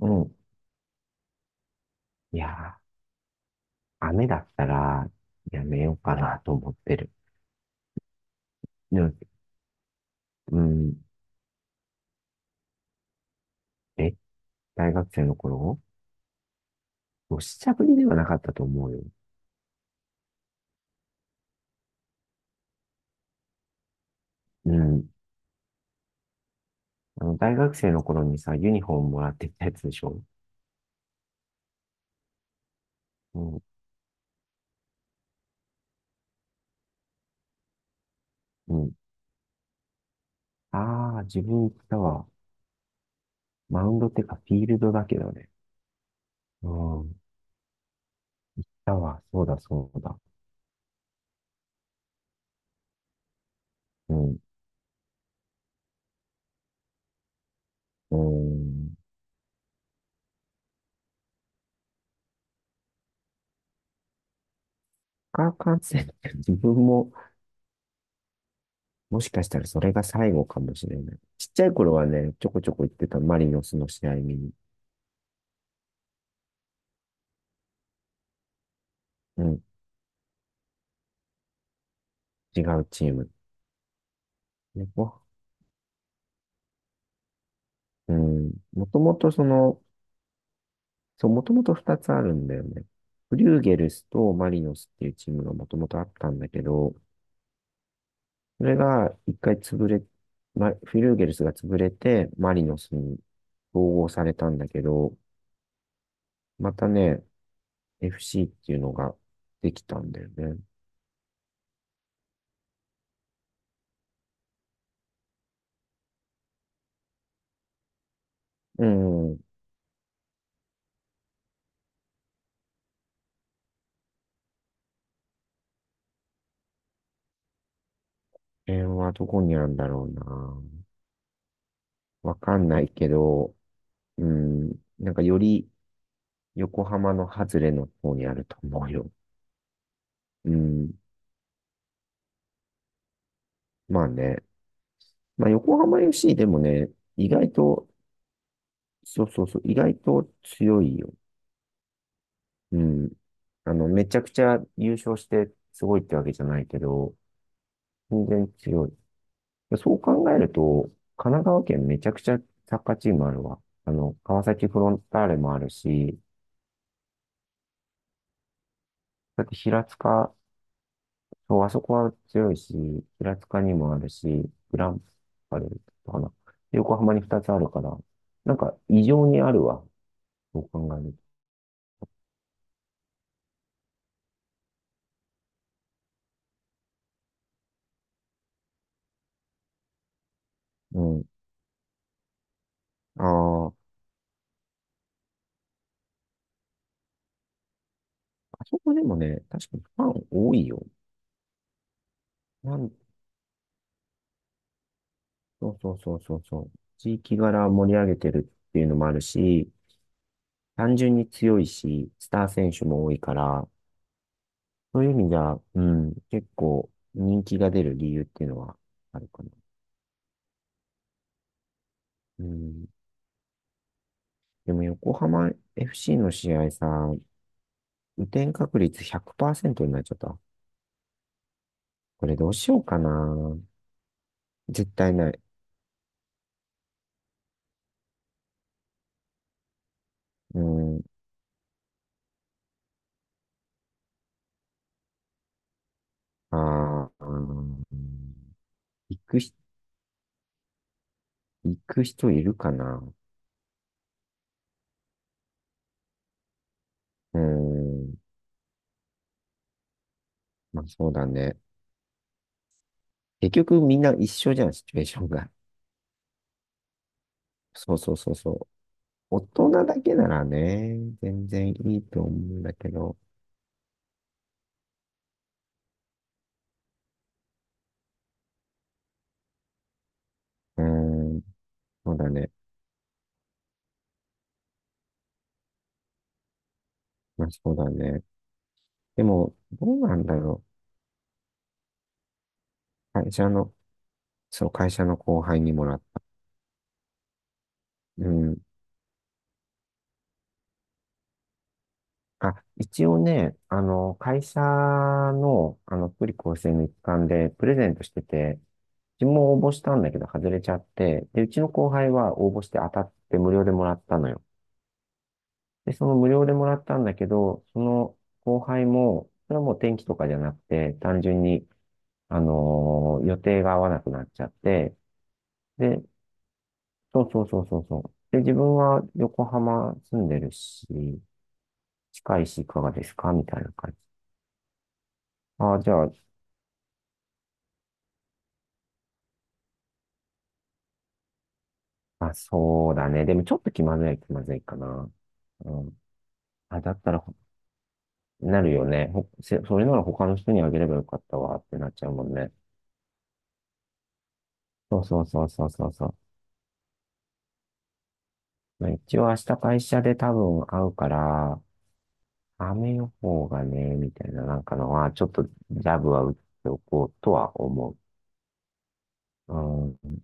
うん。いやー、雨だったらやめようかなと思ってる。でも、うん。え、大学生の頃おしちゃぶりではなかったと思うよ。うん。あの、大学生の頃にさ、ユニフォームもらってきたやつでしょ？うん。うん。ああ、自分行ったわ。マウンドってか、フィールドだけどね。うん。行ったわ。そうだ、そうだ。うん。うん。化学感染って自分ももしかしたらそれが最後かもしれない。ちっちゃい頃はね、ちょこちょこ行ってたマリノスの試合見に。うん、違うチーム。ね、うん、もともとその、そう、もともと2つあるんだよね。フリューゲルスとマリノスっていうチームがもともとあったんだけど、それが一回潰れ、ま、フリューゲルスが潰れて、マリノスに統合されたんだけど、またね、FC っていうのができたんだよね。うん。辺はどこにあるんだろうな。わかんないけど、うん、なんかより横浜の外れの方にあると思うよ。うん、まあね。まあ横浜 FC でもね、意外と、そうそうそう、意外と強いよ。うん。あの、めちゃくちゃ優勝してすごいってわけじゃないけど、全然強い。そう考えると、神奈川県めちゃくちゃサッカーチームあるわ。あの、川崎フロンターレもあるし、だって平塚そう、あそこは強いし、平塚にもあるし、グランパレルとかな。横浜に2つあるから、なんか異常にあるわ、そう考えると。うん。ああ、あそこでもね、確かにファン多いよ。なん、そうそうそうそうそう。地域柄盛り上げてるっていうのもあるし、単純に強いし、スター選手も多いから、そういう意味じゃ、うん、結構人気が出る理由っていうのはあるかな。うん。でも横浜 FC の試合さ、雨天確率100%になっちゃった。これどうしようかな。絶対ない。うん。ああ、うん、行くひ、行く人いるかな。うん。まあそうだね。結局みんな一緒じゃん、シチュエーションが。そうそうそうそう。大人だけならね、全然いいと思うんだけど。うーん。そうだね。まあそうだね。でも、どうなんだろう。会社の、そう、会社の後輩にもらった。うーん。あ、一応ね、あの、会社の、あの、福利厚生の一環でプレゼントしてて、自分も応募したんだけど外れちゃって、で、うちの後輩は応募して当たって無料でもらったのよ。で、その無料でもらったんだけど、その後輩も、それはもう天気とかじゃなくて、単純に、予定が合わなくなっちゃって、で、そうそうそうそうそう。で、自分は横浜住んでるし、近いし、いかがですかみたいな感じ。ああ、じゃあ、まあ、そうだね。でもちょっと気まずいかな。うん。あ、だったらほ、なるよね。それなら他の人にあげればよかったわってなっちゃうもんね。そうそうそうそうそうそう。まあ、一応明日会社で多分会うから、雨予報がね、みたいななんかのは、ちょっとジャブは打っておこうとは思う。うん。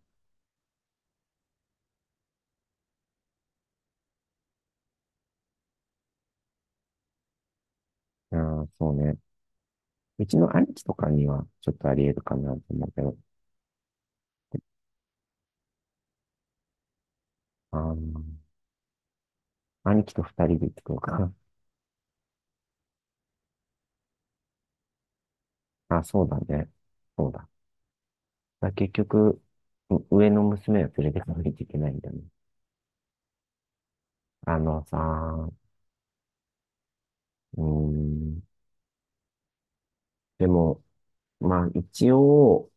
ああ、そうね。うちの兄貴とかにはちょっとあり得るかなと思うけど。あー、兄貴と二人で行ってくるかな。あ、そうだね。そうだね。だから結局、上の娘は連れてかないといけないんだね。あのさ、うーん。でも、まあ一応、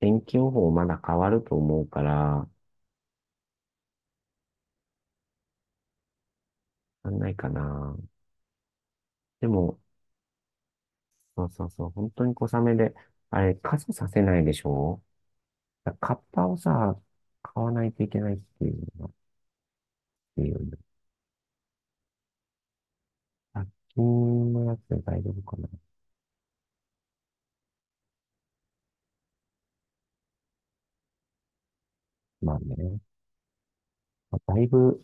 天気予報まだ変わると思うから、なんないかな。でも、そうそうそう、本当に小雨で、あれ、傘させないでしょ？だからカッパをさ、買わないといけないっていうのが、っていうね。1均のやつで大丈夫かな。まあね。まあだいぶ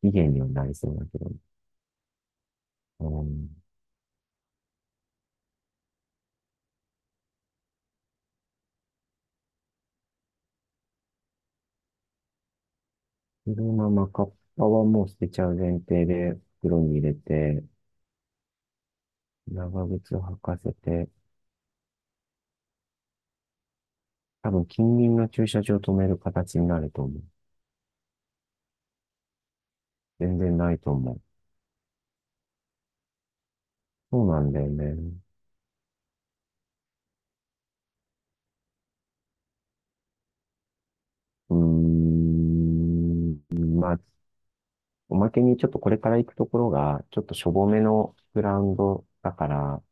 不機嫌にはなりそうだけど。うん。そのままカッパはもう捨てちゃう前提で袋に入れて、長靴を履かせて、多分近隣の駐車場を止める形になると思う。全然ないと思う。そうなんだよね。うーん、まあ、おまけにちょっとこれから行くところが、ちょっとしょぼめのグラウンドだから、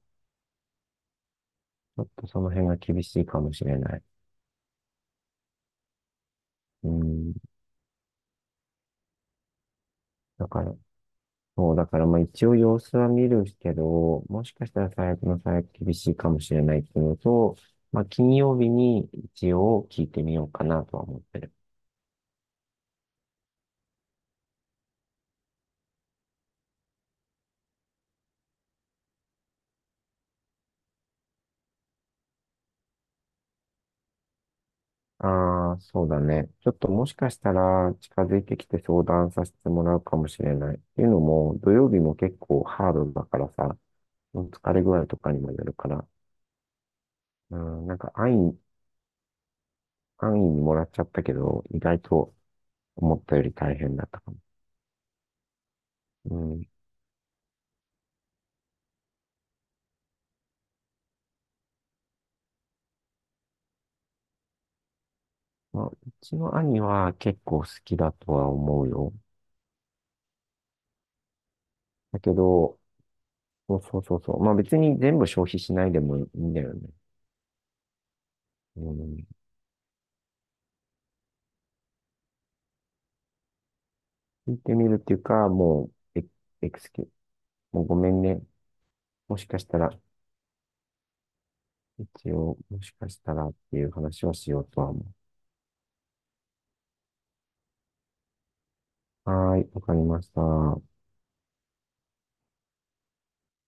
ちょっとその辺が厳しいかもしれない。うん、だから、そう、だからまあ一応様子は見るけど、もしかしたら最悪の最悪厳しいかもしれないっていうのと、まあ金曜日に一応聞いてみようかなとは思ってる。ああ、そうだね。ちょっともしかしたら近づいてきて相談させてもらうかもしれない。っていうのも、土曜日も結構ハードだからさ、疲れ具合とかにもよるから、うん、安易にもらっちゃったけど、意外と思ったより大変だったかも。うん、まあ、うちの兄は結構好きだとは思うよ。だけど、そうそうそうそう。まあ別に全部消費しないでもいいんだよね。うん。聞いてみるっていうか、もう、エエクスキュ、もうごめんね。もしかしたら、一応、もしかしたらっていう話をしようとは思う。はーい、わかりました。